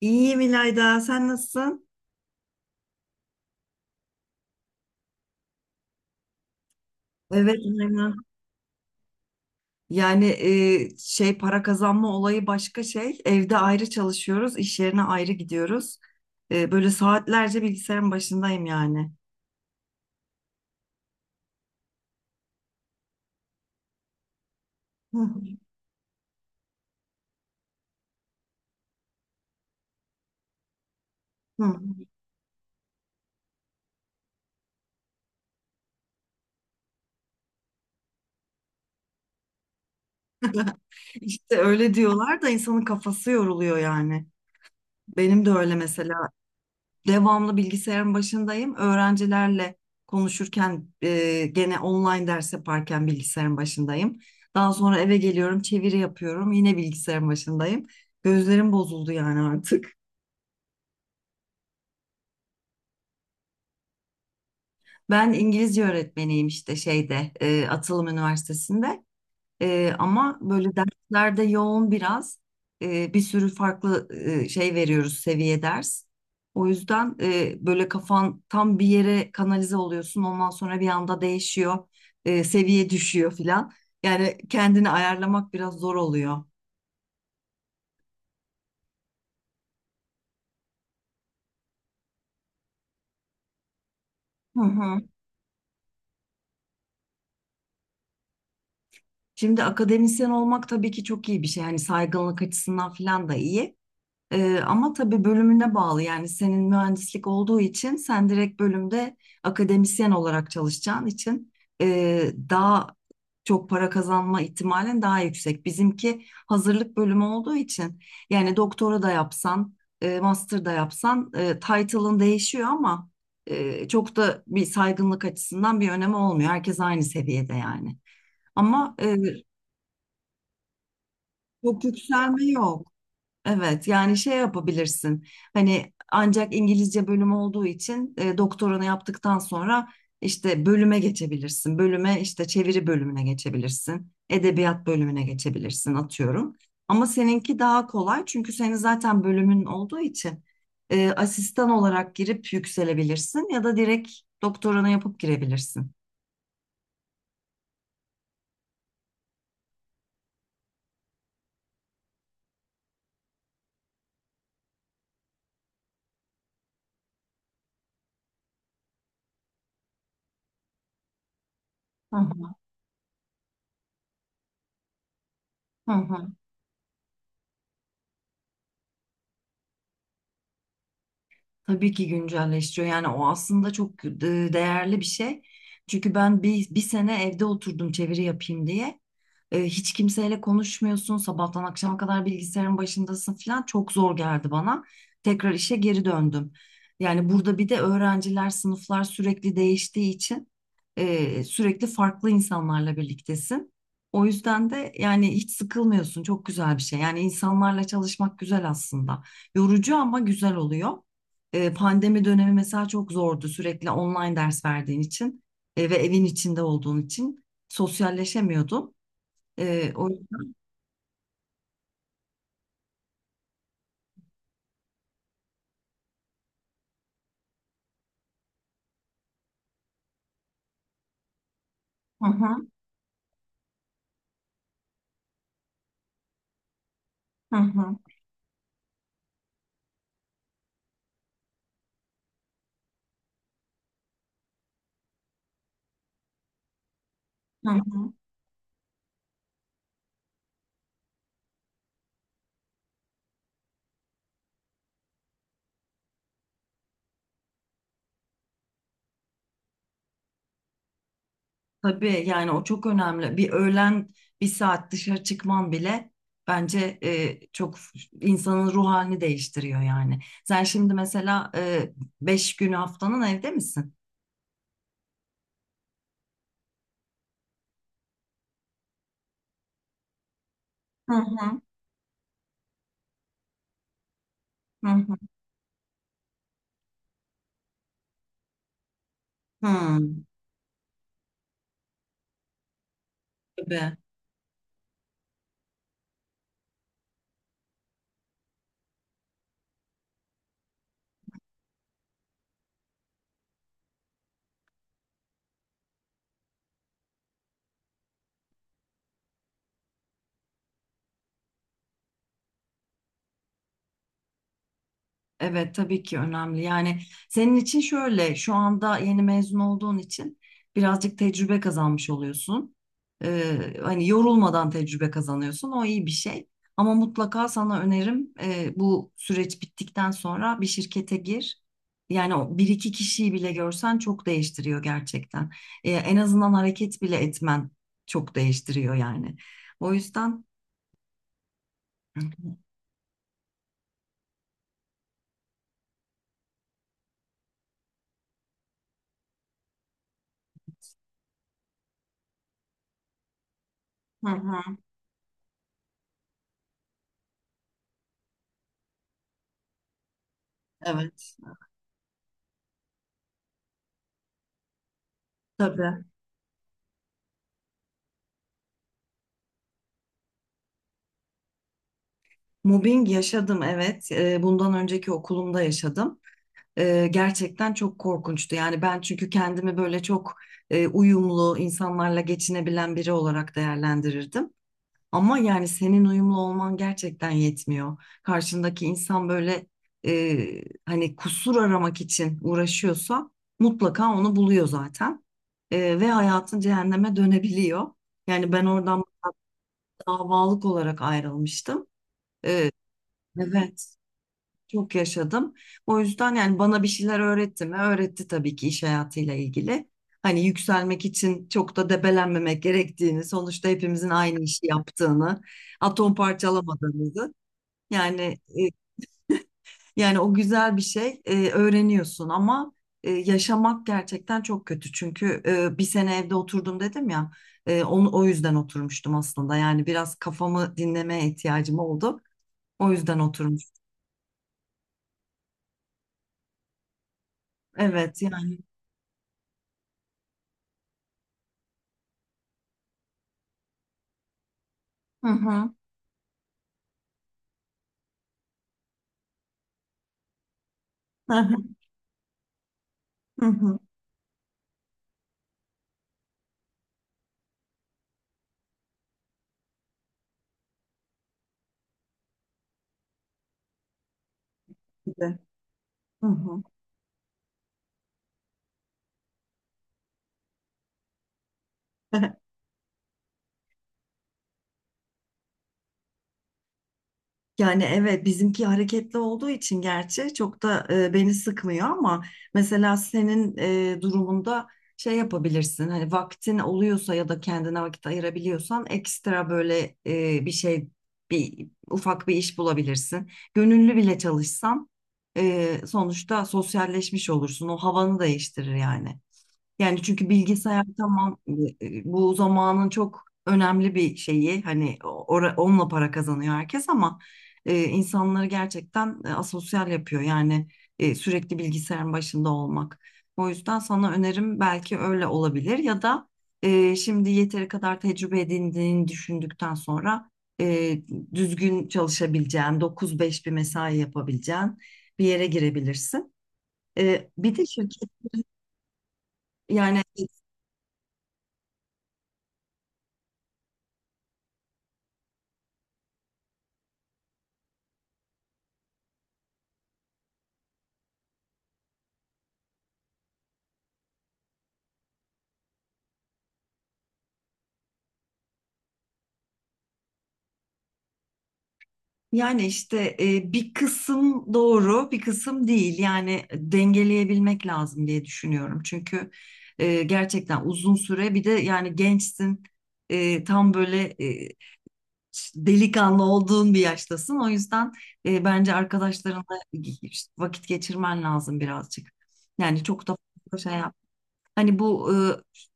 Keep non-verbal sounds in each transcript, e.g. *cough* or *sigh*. İyiyim İlayda, sen nasılsın? Evet aynen. Yani şey para kazanma olayı başka şey. Evde ayrı çalışıyoruz, iş yerine ayrı gidiyoruz. Böyle saatlerce bilgisayarın başındayım yani. Hı hı. İşte öyle diyorlar da insanın kafası yoruluyor yani. Benim de öyle mesela. Devamlı bilgisayarın başındayım. Öğrencilerle konuşurken gene online ders yaparken bilgisayarın başındayım. Daha sonra eve geliyorum, çeviri yapıyorum, yine bilgisayarın başındayım. Gözlerim bozuldu yani artık. Ben İngilizce öğretmeniyim işte şeyde Atılım Üniversitesi'nde. Ama böyle derslerde yoğun biraz. Bir sürü farklı şey veriyoruz seviye ders. O yüzden böyle kafan tam bir yere kanalize oluyorsun. Ondan sonra bir anda değişiyor. Seviye düşüyor filan. Yani kendini ayarlamak biraz zor oluyor. Hı hı. Şimdi akademisyen olmak tabii ki çok iyi bir şey. Yani saygınlık açısından filan da iyi. Ama tabii bölümüne bağlı yani senin mühendislik olduğu için sen direkt bölümde akademisyen olarak çalışacağın için daha çok para kazanma ihtimalin daha yüksek. Bizimki hazırlık bölümü olduğu için yani doktora da yapsan, master da yapsan title'ın değişiyor ama çok da bir saygınlık açısından bir önemi olmuyor. Herkes aynı seviyede yani. Ama çok yükselme yok. Evet yani şey yapabilirsin hani ancak İngilizce bölümü olduğu için doktoranı yaptıktan sonra işte bölüme geçebilirsin. Bölüme işte çeviri bölümüne geçebilirsin. Edebiyat bölümüne geçebilirsin atıyorum. Ama seninki daha kolay çünkü senin zaten bölümün olduğu için asistan olarak girip yükselebilirsin ya da direkt doktoranı yapıp girebilirsin. Hı hı. Hı hı. Tabii ki güncelleştiriyor. Yani o aslında çok değerli bir şey. Çünkü ben bir sene evde oturdum çeviri yapayım diye. Hiç kimseyle konuşmuyorsun. Sabahtan akşama kadar bilgisayarın başındasın falan. Çok zor geldi bana. Tekrar işe geri döndüm. Yani burada bir de öğrenciler, sınıflar sürekli değiştiği için sürekli farklı insanlarla birliktesin. O yüzden de yani hiç sıkılmıyorsun. Çok güzel bir şey. Yani insanlarla çalışmak güzel aslında. Yorucu ama güzel oluyor. Pandemi dönemi mesela çok zordu sürekli online ders verdiğin için ve evin içinde olduğun için sosyalleşemiyordun. O. Hı hı, hı hı, hı hı. Tabii yani o çok önemli. Bir öğlen bir saat dışarı çıkman bile bence çok insanın ruh halini değiştiriyor yani. Sen şimdi mesela 5 günü haftanın evde misin? Hı hı, hı hı. Hı, tabii. Evet tabii ki önemli. Yani senin için şöyle şu anda yeni mezun olduğun için birazcık tecrübe kazanmış oluyorsun. Hani yorulmadan tecrübe kazanıyorsun. O iyi bir şey. Ama mutlaka sana önerim bu süreç bittikten sonra bir şirkete gir. Yani o bir iki kişiyi bile görsen çok değiştiriyor gerçekten. En azından hareket bile etmen çok değiştiriyor yani. O yüzden. Hı hı. Evet. Tabii. Mobbing yaşadım evet. Bundan önceki okulumda yaşadım. Gerçekten çok korkunçtu. Yani ben çünkü kendimi böyle çok uyumlu insanlarla geçinebilen biri olarak değerlendirirdim. Ama yani senin uyumlu olman gerçekten yetmiyor. Karşındaki insan böyle hani kusur aramak için uğraşıyorsa mutlaka onu buluyor zaten. Ve hayatın cehenneme dönebiliyor. Yani ben oradan davalık olarak ayrılmıştım. Eee, Evet. Çok yaşadım. O yüzden yani bana bir şeyler öğretti mi? Öğretti tabii ki iş hayatıyla ilgili. Hani yükselmek için çok da debelenmemek gerektiğini, sonuçta hepimizin aynı işi yaptığını, atom parçalamadığımızı. Yani e, yani o güzel bir şey öğreniyorsun ama yaşamak gerçekten çok kötü. Çünkü bir sene evde oturdum dedim ya. Onu o yüzden oturmuştum aslında. Yani biraz kafamı dinlemeye ihtiyacım oldu. O yüzden oturmuştum. Evet yani. Hı hı. *laughs* Hı hı. Bir de. Hı hı. *laughs* Yani evet bizimki hareketli olduğu için gerçi çok da beni sıkmıyor ama mesela senin durumunda şey yapabilirsin hani vaktin oluyorsa ya da kendine vakit ayırabiliyorsan ekstra böyle e, bir şey bir ufak bir iş bulabilirsin. Gönüllü bile çalışsan sonuçta sosyalleşmiş olursun o havanı değiştirir yani. Yani çünkü bilgisayar tamam bu zamanın çok önemli bir şeyi hani onunla para kazanıyor herkes ama insanları gerçekten asosyal yapıyor yani sürekli bilgisayarın başında olmak. O yüzden sana önerim belki öyle olabilir ya da şimdi yeteri kadar tecrübe edindiğini düşündükten sonra e, düzgün çalışabileceğin 9-5 bir mesai yapabileceğin bir yere girebilirsin. Bir de şirket yani. Yani işte bir kısım doğru, bir kısım değil. Yani dengeleyebilmek lazım diye düşünüyorum. Çünkü gerçekten uzun süre bir de yani gençsin, tam böyle delikanlı olduğun bir yaştasın. O yüzden bence arkadaşlarınla vakit geçirmen lazım birazcık. Yani çok da fazla şey. Hani bu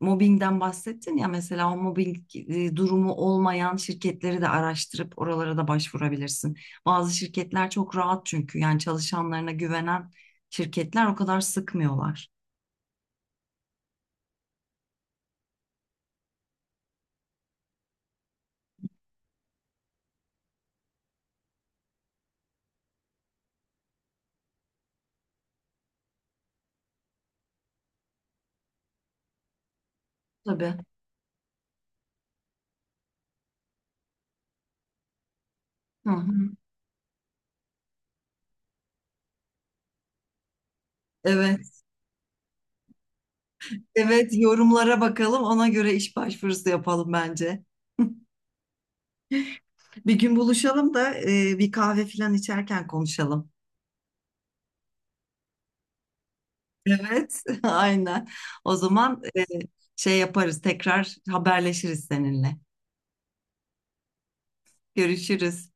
mobbingden bahsettin ya mesela o mobbing durumu olmayan şirketleri de araştırıp oralara da başvurabilirsin. Bazı şirketler çok rahat çünkü yani çalışanlarına güvenen şirketler o kadar sıkmıyorlar. Tabii. Hı hı. Evet. Evet yorumlara bakalım ona göre iş başvurusu yapalım bence. Bir gün buluşalım da bir kahve falan içerken konuşalım. Evet, *laughs* aynen. O zaman şey yaparız tekrar haberleşiriz seninle. Görüşürüz.